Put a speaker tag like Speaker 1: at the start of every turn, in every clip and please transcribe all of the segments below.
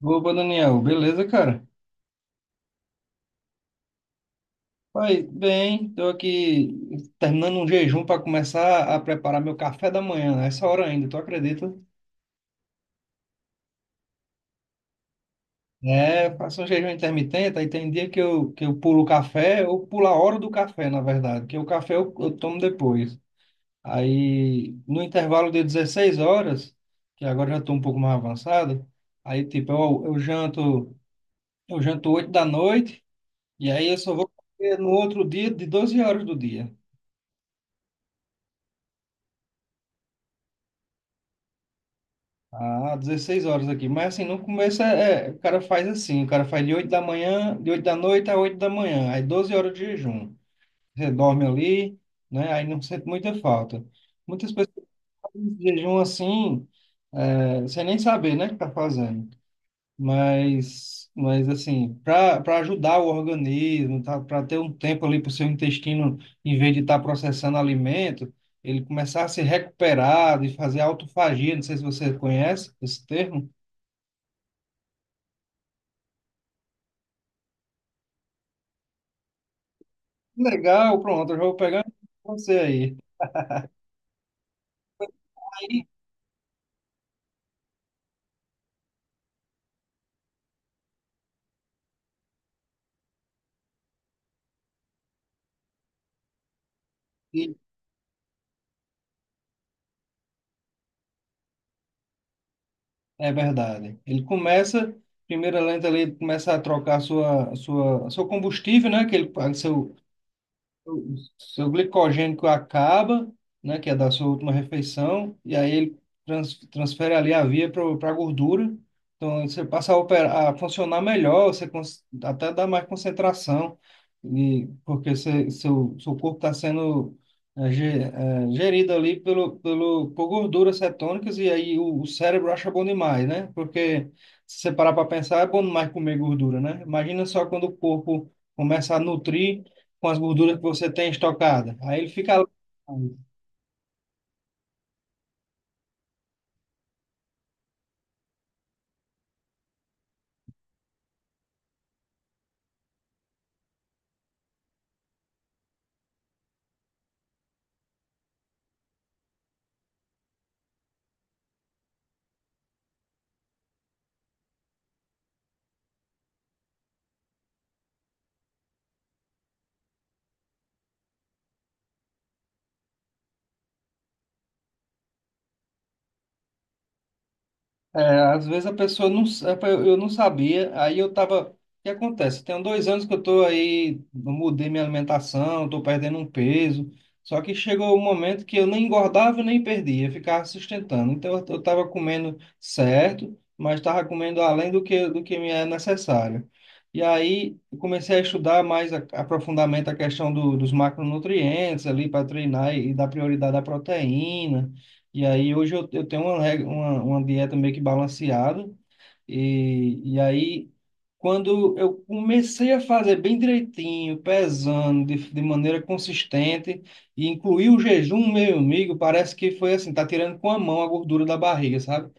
Speaker 1: Opa, Daniel, beleza, cara? Vai bem, tô aqui terminando um jejum para começar a preparar meu café da manhã, a essa hora ainda, tu acredita? É, faço um jejum intermitente, aí tem dia que eu pulo o café, ou pulo a hora do café, na verdade, que o café eu tomo depois. Aí, no intervalo de 16 horas, que agora já estou um pouco mais avançado, aí, tipo, eu janto, eu janto 8 da noite, e aí eu só vou comer no outro dia de 12 horas do dia. Ah, 16 horas aqui. Mas assim, no começo o cara faz assim, o cara faz de 8 da manhã, de 8 da noite a 8 da manhã, aí 12 horas de jejum. Você dorme ali, né? Aí não sente muita falta. Muitas pessoas fazem esse jejum assim, sem nem saber, né, que tá fazendo. Mas assim, para ajudar o organismo, tá, para ter um tempo ali para o seu intestino, em vez de estar processando alimento, ele começar a se recuperar, de fazer autofagia, não sei se você conhece esse termo. Legal, pronto, eu já vou pegar você aí. Aí, e- É verdade. Ele começa, primeira lente ali, ele começa a trocar seu combustível, né? O seu glicogênico acaba, né, que é da sua última refeição, e aí ele transfere ali a via para a gordura. Então você passa a funcionar melhor, até dá mais concentração, e, porque você, seu corpo está sendo gerido ali por gorduras cetônicas, e aí o cérebro acha bom demais, né? Porque se você parar para pensar, é bom demais comer gordura, né? Imagina só quando o corpo começa a nutrir com as gorduras que você tem estocada. Aí ele fica lá. É, às vezes a pessoa não, eu não sabia, aí eu tava, o que acontece? Tem dois anos que eu tô aí, eu mudei minha alimentação, tô perdendo um peso, só que chegou o um momento que eu nem engordava nem perdia, ficava sustentando. Então eu tava comendo certo, mas tava comendo além do que me é necessário. E aí eu comecei a estudar mais a, aprofundamento a questão dos macronutrientes ali para treinar e dar prioridade à proteína. E aí hoje eu tenho uma dieta meio que balanceada. E aí, quando eu comecei a fazer bem direitinho, pesando de maneira consistente, e incluir o jejum, meu amigo, parece que foi assim, tá tirando com a mão a gordura da barriga, sabe?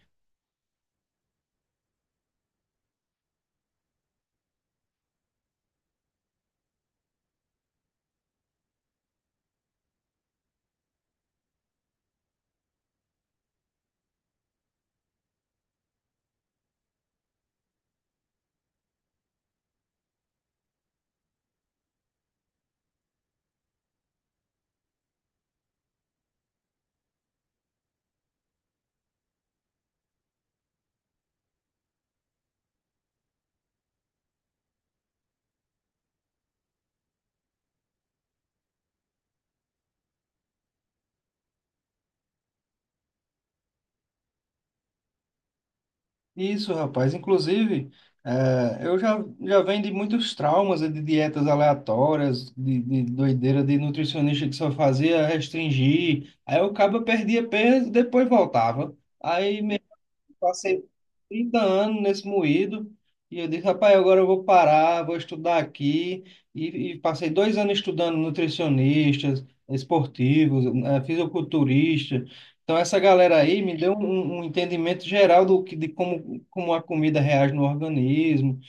Speaker 1: Isso, rapaz. Inclusive, eu já venho de muitos traumas, né, de dietas aleatórias, de doideira de nutricionista que só fazia restringir. Aí eu acaba perdia peso, depois voltava. Aí me Passei 30 anos nesse moído e eu disse, rapaz, agora eu vou parar, vou estudar aqui. E passei dois anos estudando nutricionistas, esportivos, fisiculturista. Então, essa galera aí me deu um entendimento geral do que, de como a comida reage no organismo.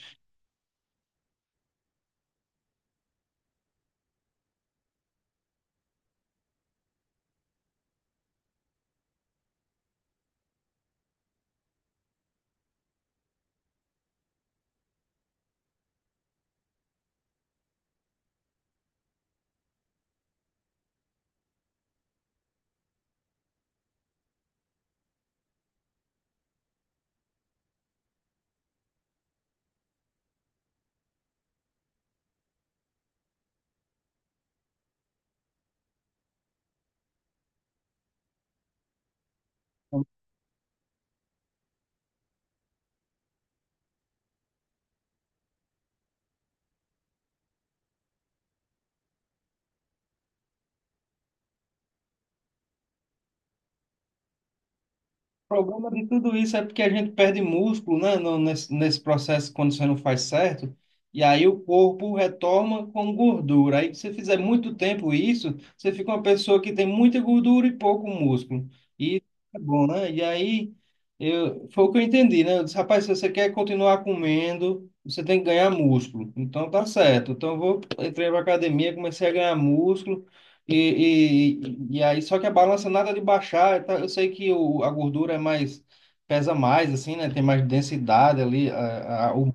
Speaker 1: O problema de tudo isso é porque a gente perde músculo, né, nesse processo quando você não faz certo, e aí o corpo retoma com gordura. Aí, se você fizer muito tempo isso, você fica uma pessoa que tem muita gordura e pouco músculo. E isso é bom, né? E aí, eu, foi o que eu entendi, né? Eu disse, rapaz, se você quer continuar comendo, você tem que ganhar músculo. Então, tá certo. Então, entrei pra academia, comecei a ganhar músculo. E aí, só que a balança nada de baixar, tá? Eu sei que a gordura é mais, pesa mais, assim, né? Tem mais densidade ali.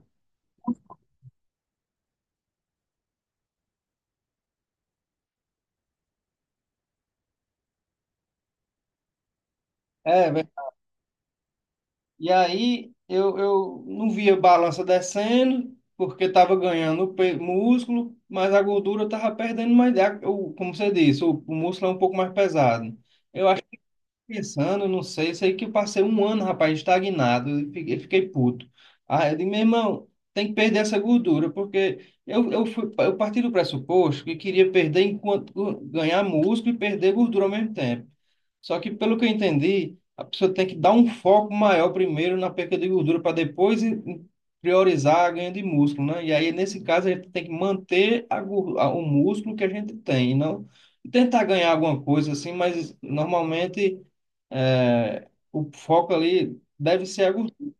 Speaker 1: É, velho. E aí eu não via balança descendo, porque estava ganhando músculo, mas a gordura estava perdendo mais. Como você disse, o músculo é um pouco mais pesado. Eu Pensando, não sei, eu sei que eu passei um ano, rapaz, estagnado, e fiquei puto. Aí eu disse, meu irmão, tem que perder essa gordura, porque eu parti do pressuposto que queria perder enquanto ganhar músculo e perder gordura ao mesmo tempo. Só que, pelo que eu entendi, a pessoa tem que dar um foco maior primeiro na perca de gordura para depois priorizar a ganho de músculo, né? E aí, nesse caso, a gente tem que manter o músculo que a gente tem, e não tentar ganhar alguma coisa assim, mas normalmente é, o foco ali deve ser a gordura.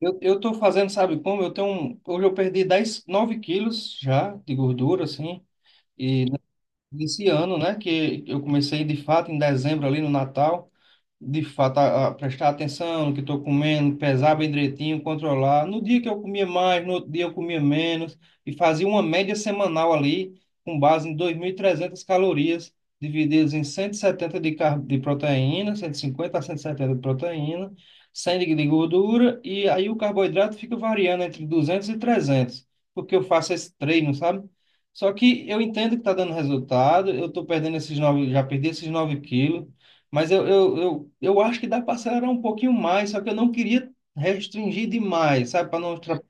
Speaker 1: Eu tô fazendo, sabe como? Hoje eu perdi 10 9 quilos já de gordura, assim, esse ano, né? Que eu comecei de fato em dezembro ali no Natal. De fato, a prestar atenção no que estou comendo, pesar bem direitinho, controlar. No dia que eu comia mais, no outro dia eu comia menos, e fazia uma média semanal ali, com base em 2.300 calorias, divididas em 170 de proteína, 150 a 170 de proteína, 100 de gordura, e aí o carboidrato fica variando entre 200 e 300, porque eu faço esse treino, sabe? Só que eu entendo que está dando resultado, eu estou perdendo esses 9 já perdi esses 9 quilos, mas eu acho que dá para acelerar um pouquinho mais, só que eu não queria restringir demais, sabe? Para não.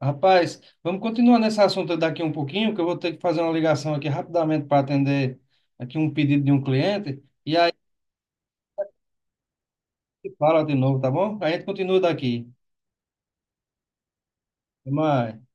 Speaker 1: Rapaz, vamos continuar nesse assunto daqui um pouquinho, que eu vou ter que fazer uma ligação aqui rapidamente para atender aqui um pedido de um cliente. E aí, fala de novo, tá bom? A gente continua daqui. Até mais.